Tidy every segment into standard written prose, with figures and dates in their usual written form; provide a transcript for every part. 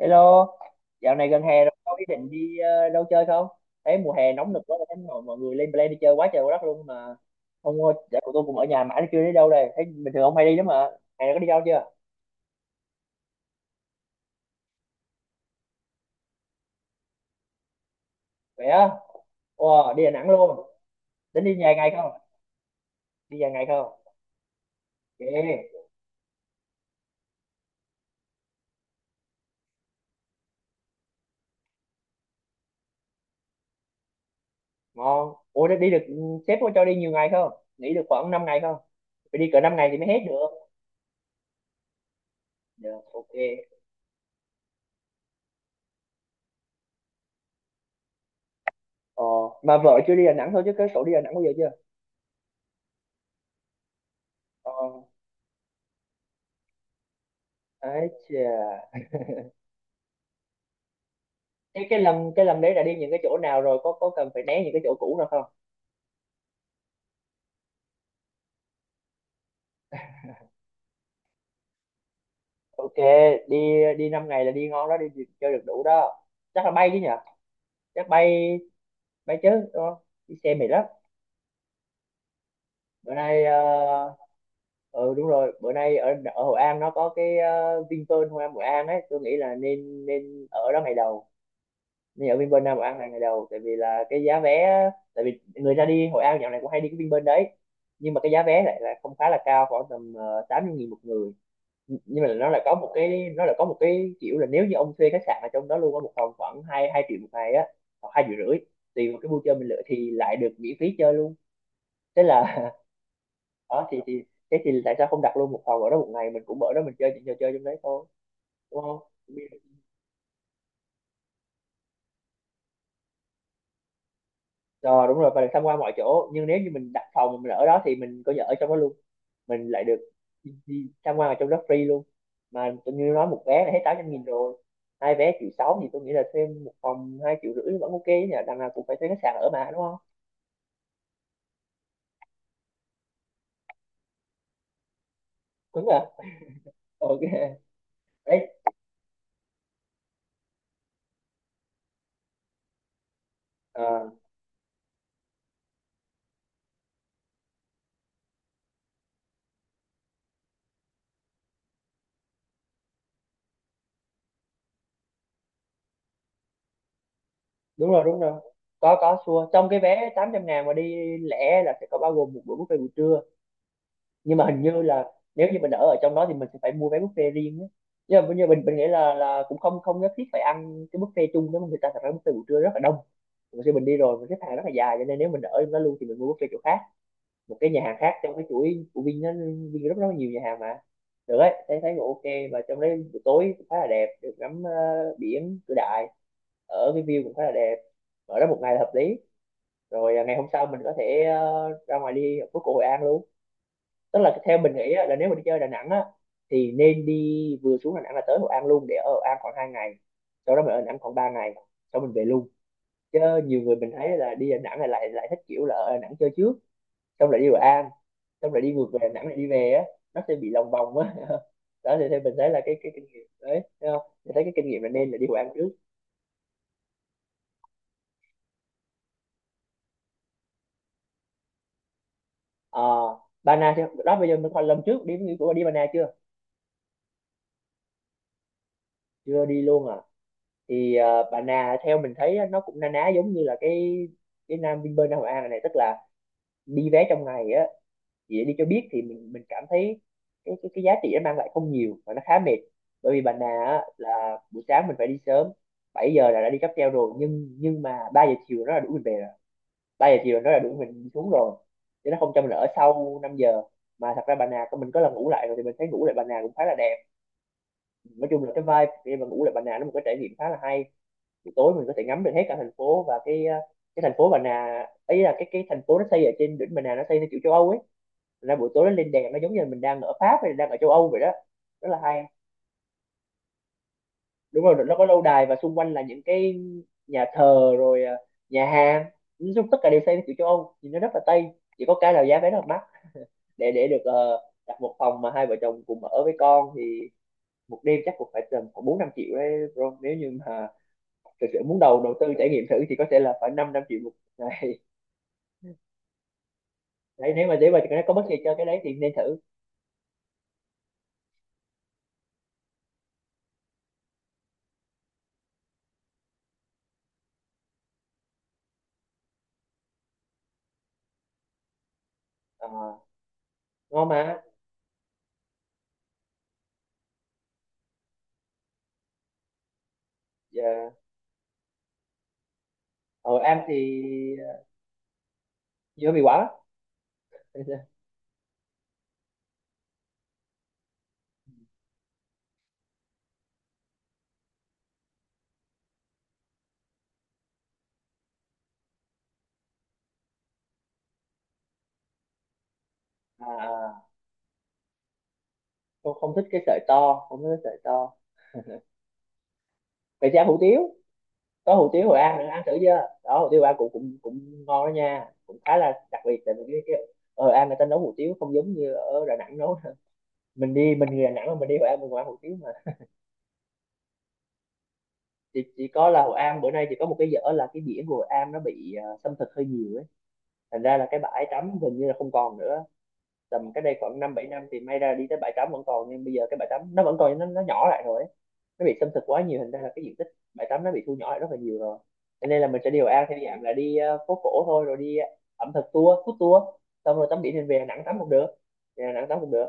Hello, dạo này gần hè rồi, có ý định đi đâu chơi không? Thấy mùa hè nóng nực quá, thấy mọi người lên plan đi chơi quá trời quá đất luôn mà. Ông ơi, dạ của tôi cũng ở nhà mãi nó chưa đi đâu đây. Thấy bình thường ông hay đi lắm mà. Hè này có đi đâu chưa? Vậy á, wow, đi Đà Nẵng luôn. Tính đi vài ngày không? Đi vài ngày không? Ghê, ngon. Ủa, đi đi được, sếp có cho đi nhiều ngày không? Nghỉ được khoảng 5 ngày không? Phải đi cỡ 5 ngày thì mới hết được. Dạ, ok. Ờ, mà vợ chưa đi Đà Nẵng thôi chứ cái cậu đi Đà Nẵng bao giờ chưa? Ờ, ấy chà. Thế cái lầm đấy đã đi những cái chỗ nào rồi, có cần phải né những cái chỗ cũ nào không? Ok. đi Đi 5 ngày là đi ngon đó, đi đi chơi được đủ đó. Chắc là bay chứ nhỉ. Chắc bay. Bay chứ đúng không? Đi xe mệt lắm. Bữa nay ừ đúng rồi, bữa nay ở ở Hội An nó có cái Vinpearl Hội An, ấy, tôi nghĩ là nên nên ở đó ngày đầu. Nên ở Vinpearl Nam Hội An là ngày đầu, tại vì là cái giá vé... Tại vì người ta đi Hội An dạo này cũng hay đi cái Vinpearl đấy, nhưng mà cái giá vé lại là không, khá là cao, khoảng tầm 80.000 một người. Nhưng mà nó là có một cái kiểu là, nếu như ông thuê khách sạn ở trong đó luôn, có một phòng khoảng hai hai triệu một ngày á, hoặc 2,5 triệu, tùy vào cái vui chơi mình lựa thì lại được miễn phí chơi luôn. Thế là đó thì thế thì tại sao không đặt luôn một phòng ở đó, một ngày mình cũng ở đó, mình chơi những trò chơi trong đấy thôi, đúng không? Rồi, đúng rồi, và được tham quan mọi chỗ, nhưng nếu như mình đặt phòng mình ở đó thì mình coi như ở trong đó luôn, mình lại được đi tham quan ở trong đó free luôn. Mà tôi như nói, một vé là hết 800.000 rồi. Hai vé 1,6 triệu thì tôi nghĩ là thêm một phòng 2,5 triệu vẫn ok nhỉ, đằng nào cũng phải thuê khách sạn ở mà đúng không? Đúng rồi, ok. Đấy. Ờ, đúng rồi, có, xua trong cái vé 800.000 mà đi lẻ là sẽ có bao gồm một bữa buffet buổi trưa. Nhưng mà hình như là nếu như mình ở ở trong đó thì mình sẽ phải mua vé buffet riêng á. Nhưng mà mình nghĩ là cũng không không nhất thiết phải ăn cái buffet chung đó. Mà người ta thật ra buffet buổi trưa rất là đông, mình khi mình đi rồi mình xếp hàng rất là dài, cho nên nếu mình ở trong đó luôn thì mình mua buffet chỗ khác, một cái nhà hàng khác trong cái chuỗi của Vin nó... Vin rất rất là nhiều nhà hàng mà. Được đấy, thấy thấy cũng ok. Và trong đấy buổi tối cũng khá là đẹp, được ngắm biển Cửa Đại, ở cái view cũng khá là đẹp, ở đó một ngày là hợp lý. Rồi ngày hôm sau mình có thể ra ngoài đi ở phố cổ Hội An luôn. Tức là theo mình nghĩ á, là nếu mà đi chơi Đà Nẵng á, thì nên đi, vừa xuống Đà Nẵng là tới Hội An luôn, để ở Hội An khoảng 2 ngày, sau đó mình ở Đà Nẵng khoảng 3 ngày, sau mình về luôn. Chứ nhiều người mình thấy là đi Đà Nẵng là lại lại thích kiểu là ở Đà Nẵng chơi trước, xong lại đi Hội An, xong lại đi ngược về Đà Nẵng, lại đi về á, nó sẽ bị lòng vòng á. Đó thì theo mình thấy là cái kinh nghiệm đấy, thấy không, mình thấy cái kinh nghiệm là nên là đi Hội An trước. À, Ba Na chứ đó, bây giờ mình còn, lần trước đi, đi của đi Ba Na chưa? Chưa đi luôn à? Thì Bà Na theo mình thấy á, nó cũng na ná giống như là cái Nam Vinpearl Nam Hội An này, tức là đi vé trong ngày á, chỉ để đi cho biết thì mình cảm thấy cái giá trị nó mang lại không nhiều và nó khá mệt. Bởi vì Bà Na á, là buổi sáng mình phải đi sớm, 7 giờ là đã đi cáp treo rồi, nhưng mà 3 giờ chiều nó là đuổi mình về rồi, 3 giờ chiều nó là đuổi mình xuống rồi, chứ nó không cho mình ở sau 5 giờ. Mà thật ra Bà Nà mình có lần ngủ lại rồi, thì mình thấy ngủ lại Bà Nà cũng khá là đẹp. Nói chung là cái vibe khi mà ngủ lại Bà Nà, nó một cái trải nghiệm khá là hay, buổi tối mình có thể ngắm được hết cả thành phố và cái thành phố Bà Nà ấy, là cái thành phố nó xây ở trên đỉnh Bà Nà, nó xây theo kiểu châu Âu ấy. Thành ra buổi tối nó lên đèn, nó giống như là mình đang ở Pháp hay là đang ở châu Âu vậy đó, rất là hay. Đúng rồi, nó có lâu đài và xung quanh là những cái nhà thờ, rồi nhà hàng, nói chung tất cả đều xây theo kiểu châu Âu, nhìn nó rất là Tây. Chỉ có cái là giá vé rất là mắc, để được đặt một phòng mà hai vợ chồng cùng ở với con thì một đêm chắc cũng phải tầm khoảng 4-5 triệu đấy bro, nếu như mà thực sự muốn đầu đầu tư trải nghiệm thử thì có thể là phải năm năm triệu một ngày. Đấy nếu mà để mà có bất kỳ cho cái đấy thì nên thử. Ờ, ngon mà. Dạ. Ở em thì dưa bị quả. À, không không thích cái sợi to, không thích cái sợi to. Vậy thì ăn hủ tiếu, có hủ tiếu Hội An nữa, ăn thử chưa đó? Hủ tiếu Hội An cũng cũng cũng ngon đó nha, cũng khá là đặc biệt, tại vì cái... ở Hội An người ta nấu hủ tiếu không giống như ở Đà Nẵng nấu. Mình đi, mình người Đà Nẵng mà mình đi Hội An mình cũng ăn hủ tiếu mà. Chỉ có là Hội An bữa nay chỉ có một cái dở, là cái biển của Hội An nó bị xâm thực hơi nhiều ấy, thành ra là cái bãi tắm gần như là không còn nữa. Tầm cái đây khoảng 5-7 năm thì may ra đi tới bãi tắm vẫn còn, nhưng bây giờ cái bãi tắm nó vẫn còn nhưng nó nhỏ lại rồi ấy. Nó bị xâm thực quá nhiều hình ra là cái diện tích bãi tắm nó bị thu nhỏ lại rất là nhiều rồi. Cho nên là mình sẽ điều An theo dạng là đi phố cổ thôi, rồi đi ẩm thực tour, food tour, xong rồi tắm biển thì về Đà Nẵng tắm cũng được. Về Đà Nẵng tắm cũng được.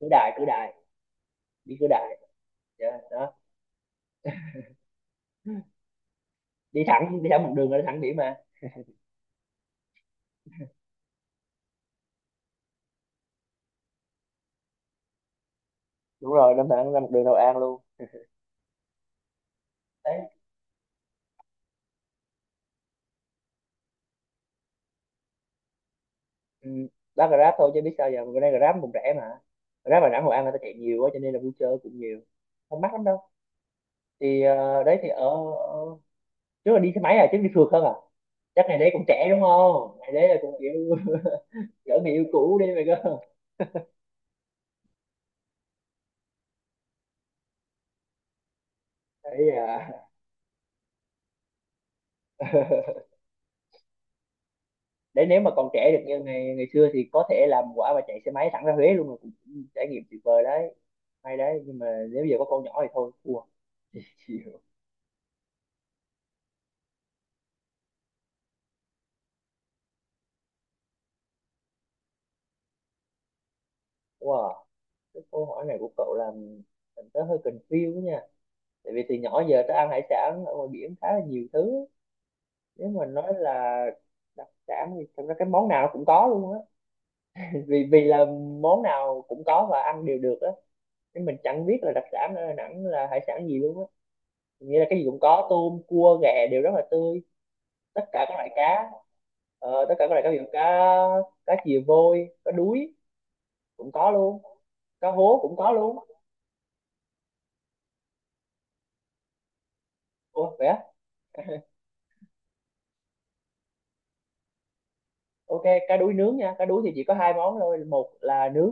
Cửa Đại, Cửa Đại, đi Cửa Đại. Dạ, đó. Đi thẳng, đi thẳng một đường là đi thẳng biển mà. Đúng rồi, Đà thẳng ra một đường Hội An luôn. Đấy. Ừ. Bác Grab thôi, chứ biết sao giờ, bữa nay Grab cũng rẻ mà. Grab Đà Nẵng Hội An người ta chạy nhiều quá cho nên là vui chơi cũng nhiều. Không mắc lắm đâu. Thì đấy thì ở, ở trước là đi xe máy à, chứ đi phượt không à? Chắc ngày đấy cũng trẻ đúng không? Ngày đấy là cũng kiểu gỡ người yêu cũ đi mày cơ. Đấy à. Đấy, nếu mà còn trẻ được như ngày ngày xưa thì có thể làm quả và chạy xe máy thẳng ra Huế luôn là cũng trải nghiệm tuyệt vời đấy. Hay đấy, nhưng mà nếu giờ có con nhỏ thì thôi thua. Chịu. Wow, cái câu hỏi này của cậu làm tớ hơi confused nha. Tại vì từ nhỏ giờ tớ ăn hải sản ở ngoài biển khá là nhiều thứ. Nếu mà nói là đặc sản thì thật ra cái món nào nó cũng có luôn á. Vì vì là món nào cũng có và ăn đều được á, nên mình chẳng biết là đặc sản ở Đà Nẵng là hải sản gì luôn á. Nghĩa là cái gì cũng có, tôm cua ghẹ đều rất là tươi. Tất cả các loại cá, tất cả các loại cá, ví dụ cá cá chìa vôi, cá đuối cũng có luôn, cá hố cũng có luôn. Ủa vậy á? Ok, cá đuối nướng nha. Cá đuối thì chỉ có hai món thôi, một là nướng,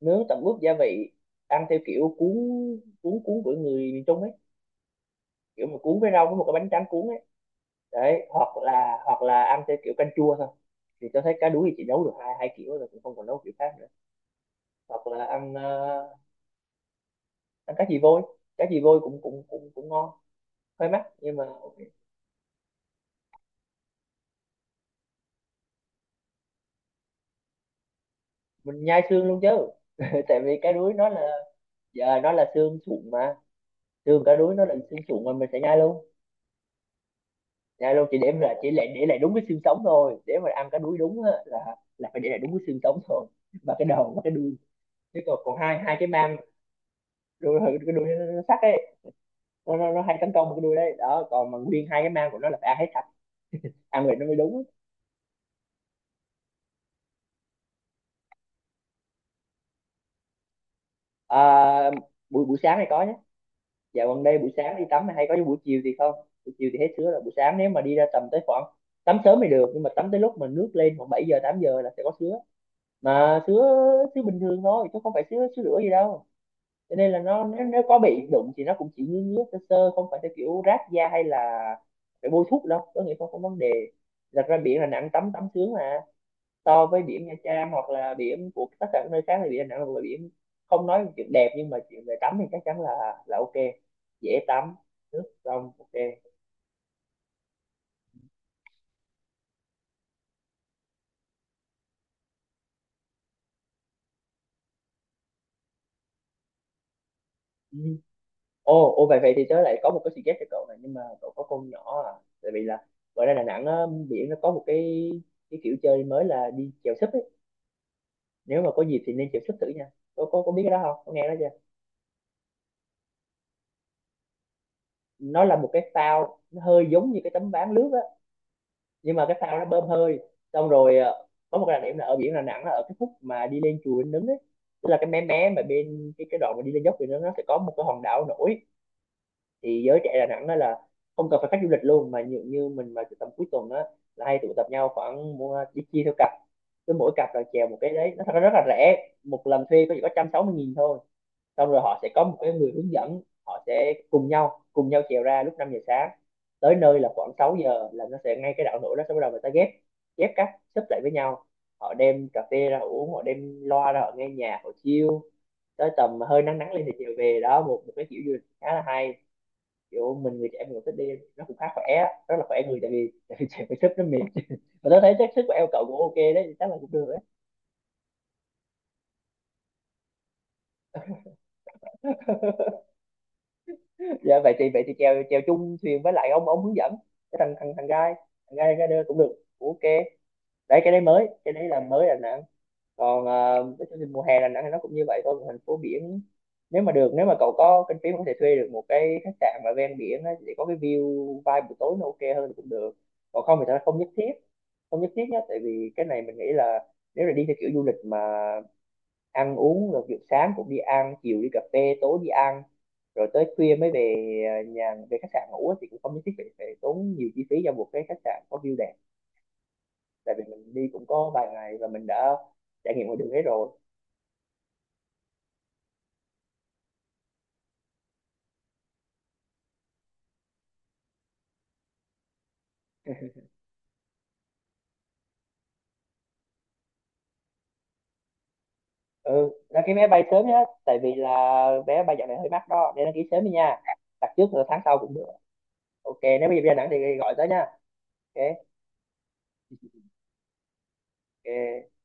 nướng tẩm ướp gia vị, ăn theo kiểu cuốn, cuốn của người miền Trung ấy, kiểu mà cuốn với rau với một cái bánh tráng cuốn ấy. Đấy, hoặc là ăn theo kiểu canh chua thôi. Thì tôi thấy cá đuối thì chị nấu được hai hai kiểu rồi, cũng không còn nấu kiểu khác nữa. Hoặc là ăn ăn cá chì vôi, cá chì vôi cũng cũng cũng cũng ngon, hơi mắc nhưng mà ok. Mình nhai xương luôn chứ. Tại vì cá đuối nó là, giờ nó là xương sụn mà, xương cá đuối nó là xương sụn mà mình sẽ nhai luôn. Nhai luôn, chỉ để là chỉ để lại đúng cái xương sống thôi, để mà ăn cá đuối đúng á, là phải để lại đúng cái xương sống thôi, và cái đầu và cái đuôi. Thế còn còn hai hai cái mang, đuôi, cái đuôi nó sắc ấy. Nó hay tấn công một cái đuôi đấy đó, còn mà nguyên hai cái mang của nó là phải ăn hết sạch, ăn vậy nó mới đúng. À, buổi buổi sáng hay có nhé. Dạ gần đây buổi sáng đi tắm hay có chứ buổi chiều thì không. Buổi chiều thì hết sứa rồi, buổi sáng nếu mà đi ra tầm tới khoảng, tắm sớm thì được, nhưng mà tắm tới lúc mà nước lên khoảng 7 giờ 8 giờ là sẽ có sứa. Mà sứa, sứa bình thường thôi chứ không phải sứa sứa rửa gì đâu, cho nên là nó nếu có bị đụng thì nó cũng chỉ ngứa ngứa sơ sơ, không phải theo kiểu rát da hay là phải bôi thuốc đâu, có nghĩa không có vấn đề. Đặt ra biển là nặng, tắm tắm sướng mà. So với biển Nha Trang hoặc là biển của tất cả các nơi khác thì biển Đà Nẵng là biển, không nói về chuyện đẹp, nhưng mà chuyện về tắm thì chắc chắn là ok dễ tắm, nước trong, ok. Ừ. ô ô vậy vậy thì tớ lại có một cái suggest cho cậu này, nhưng mà cậu có con nhỏ à. Tại vì là ngoài ra Đà Nẵng á, biển nó có một cái kiểu chơi mới là đi chèo súp ấy. Nếu mà có dịp thì nên chèo súp thử nha, có biết cái đó không, có nghe đó chưa? Nó là một cái phao, nó hơi giống như cái tấm ván lướt á, nhưng mà cái phao nó bơm hơi. Xong rồi có một cái đặc điểm là ở biển Đà Nẵng là ở cái khúc mà đi lên chùa Linh Ứng ấy, tức là cái mé mé mà bên cái đoạn mà đi lên dốc thì nó sẽ có một cái hòn đảo nổi. Thì giới trẻ Đà Nẵng đó là không cần phải khách du lịch luôn, mà như mình mà tầm cuối tuần đó là hay tụ tập nhau khoảng, mua đi chia theo cặp, cứ mỗi cặp là chèo một cái. Đấy, nó thật ra rất là rẻ, một lần thuê có chỉ có 160 nghìn thôi. Xong rồi họ sẽ có một cái người hướng dẫn, họ sẽ cùng nhau trèo ra lúc 5 giờ sáng, tới nơi là khoảng 6 giờ là nó sẽ ngay cái đạo nổi đó sẽ bắt đầu người ta ghép, ghép các, xếp lại với nhau. Họ đem cà phê ra họ uống, họ đem loa ra họ nghe nhạc, họ chill tới tầm hơi nắng nắng lên thì chiều về đó. Một một cái kiểu du lịch khá là hay, kiểu mình người trẻ mình cũng thích đi. Nó cũng khá khỏe, rất là khỏe người, tại vì trẻ phải sức nó mệt. Mà tôi thấy chắc sức của em cậu cũng ok đấy, chắc là cũng được đấy. Dạ vậy thì chèo, chèo chung thuyền với lại ông hướng dẫn, cái thằng thằng thằng gai, thằng gai rider cũng được, ok. Đấy cái đấy mới, cái đấy là mới Đà Nẵng. Còn cái chương trình mùa hè Đà Nẵng thì nó cũng như vậy thôi, một thành phố biển. Nếu mà được, nếu mà cậu có kinh phí mà có thể thuê được một cái khách sạn mà ven biển á, để có cái view vibe buổi tối nó ok hơn thì cũng được. Còn không thì thật ra không nhất thiết, không nhất thiết nhé. Tại vì cái này mình nghĩ là nếu là đi theo kiểu du lịch mà ăn uống rồi, kiểu sáng cũng đi ăn, chiều đi cà phê, tối đi ăn, rồi tới khuya mới về à, nhà về khách sạn ngủ á, thì cũng không nhất thiết phải tốn nhiều chi phí cho một cái khách sạn có view đẹp. Tại vì mình đi cũng có vài ngày và mình đã trải nghiệm ngoài đường hết rồi. Ừ, đăng ký vé bay sớm nhé, tại vì là vé bay dạo này hơi mắc đó, nên đăng ký sớm đi nha, đặt trước là tháng sau cũng được. Ok, nếu bây giờ đi Đà Nẵng thì gọi tới nha. Ok. Ok.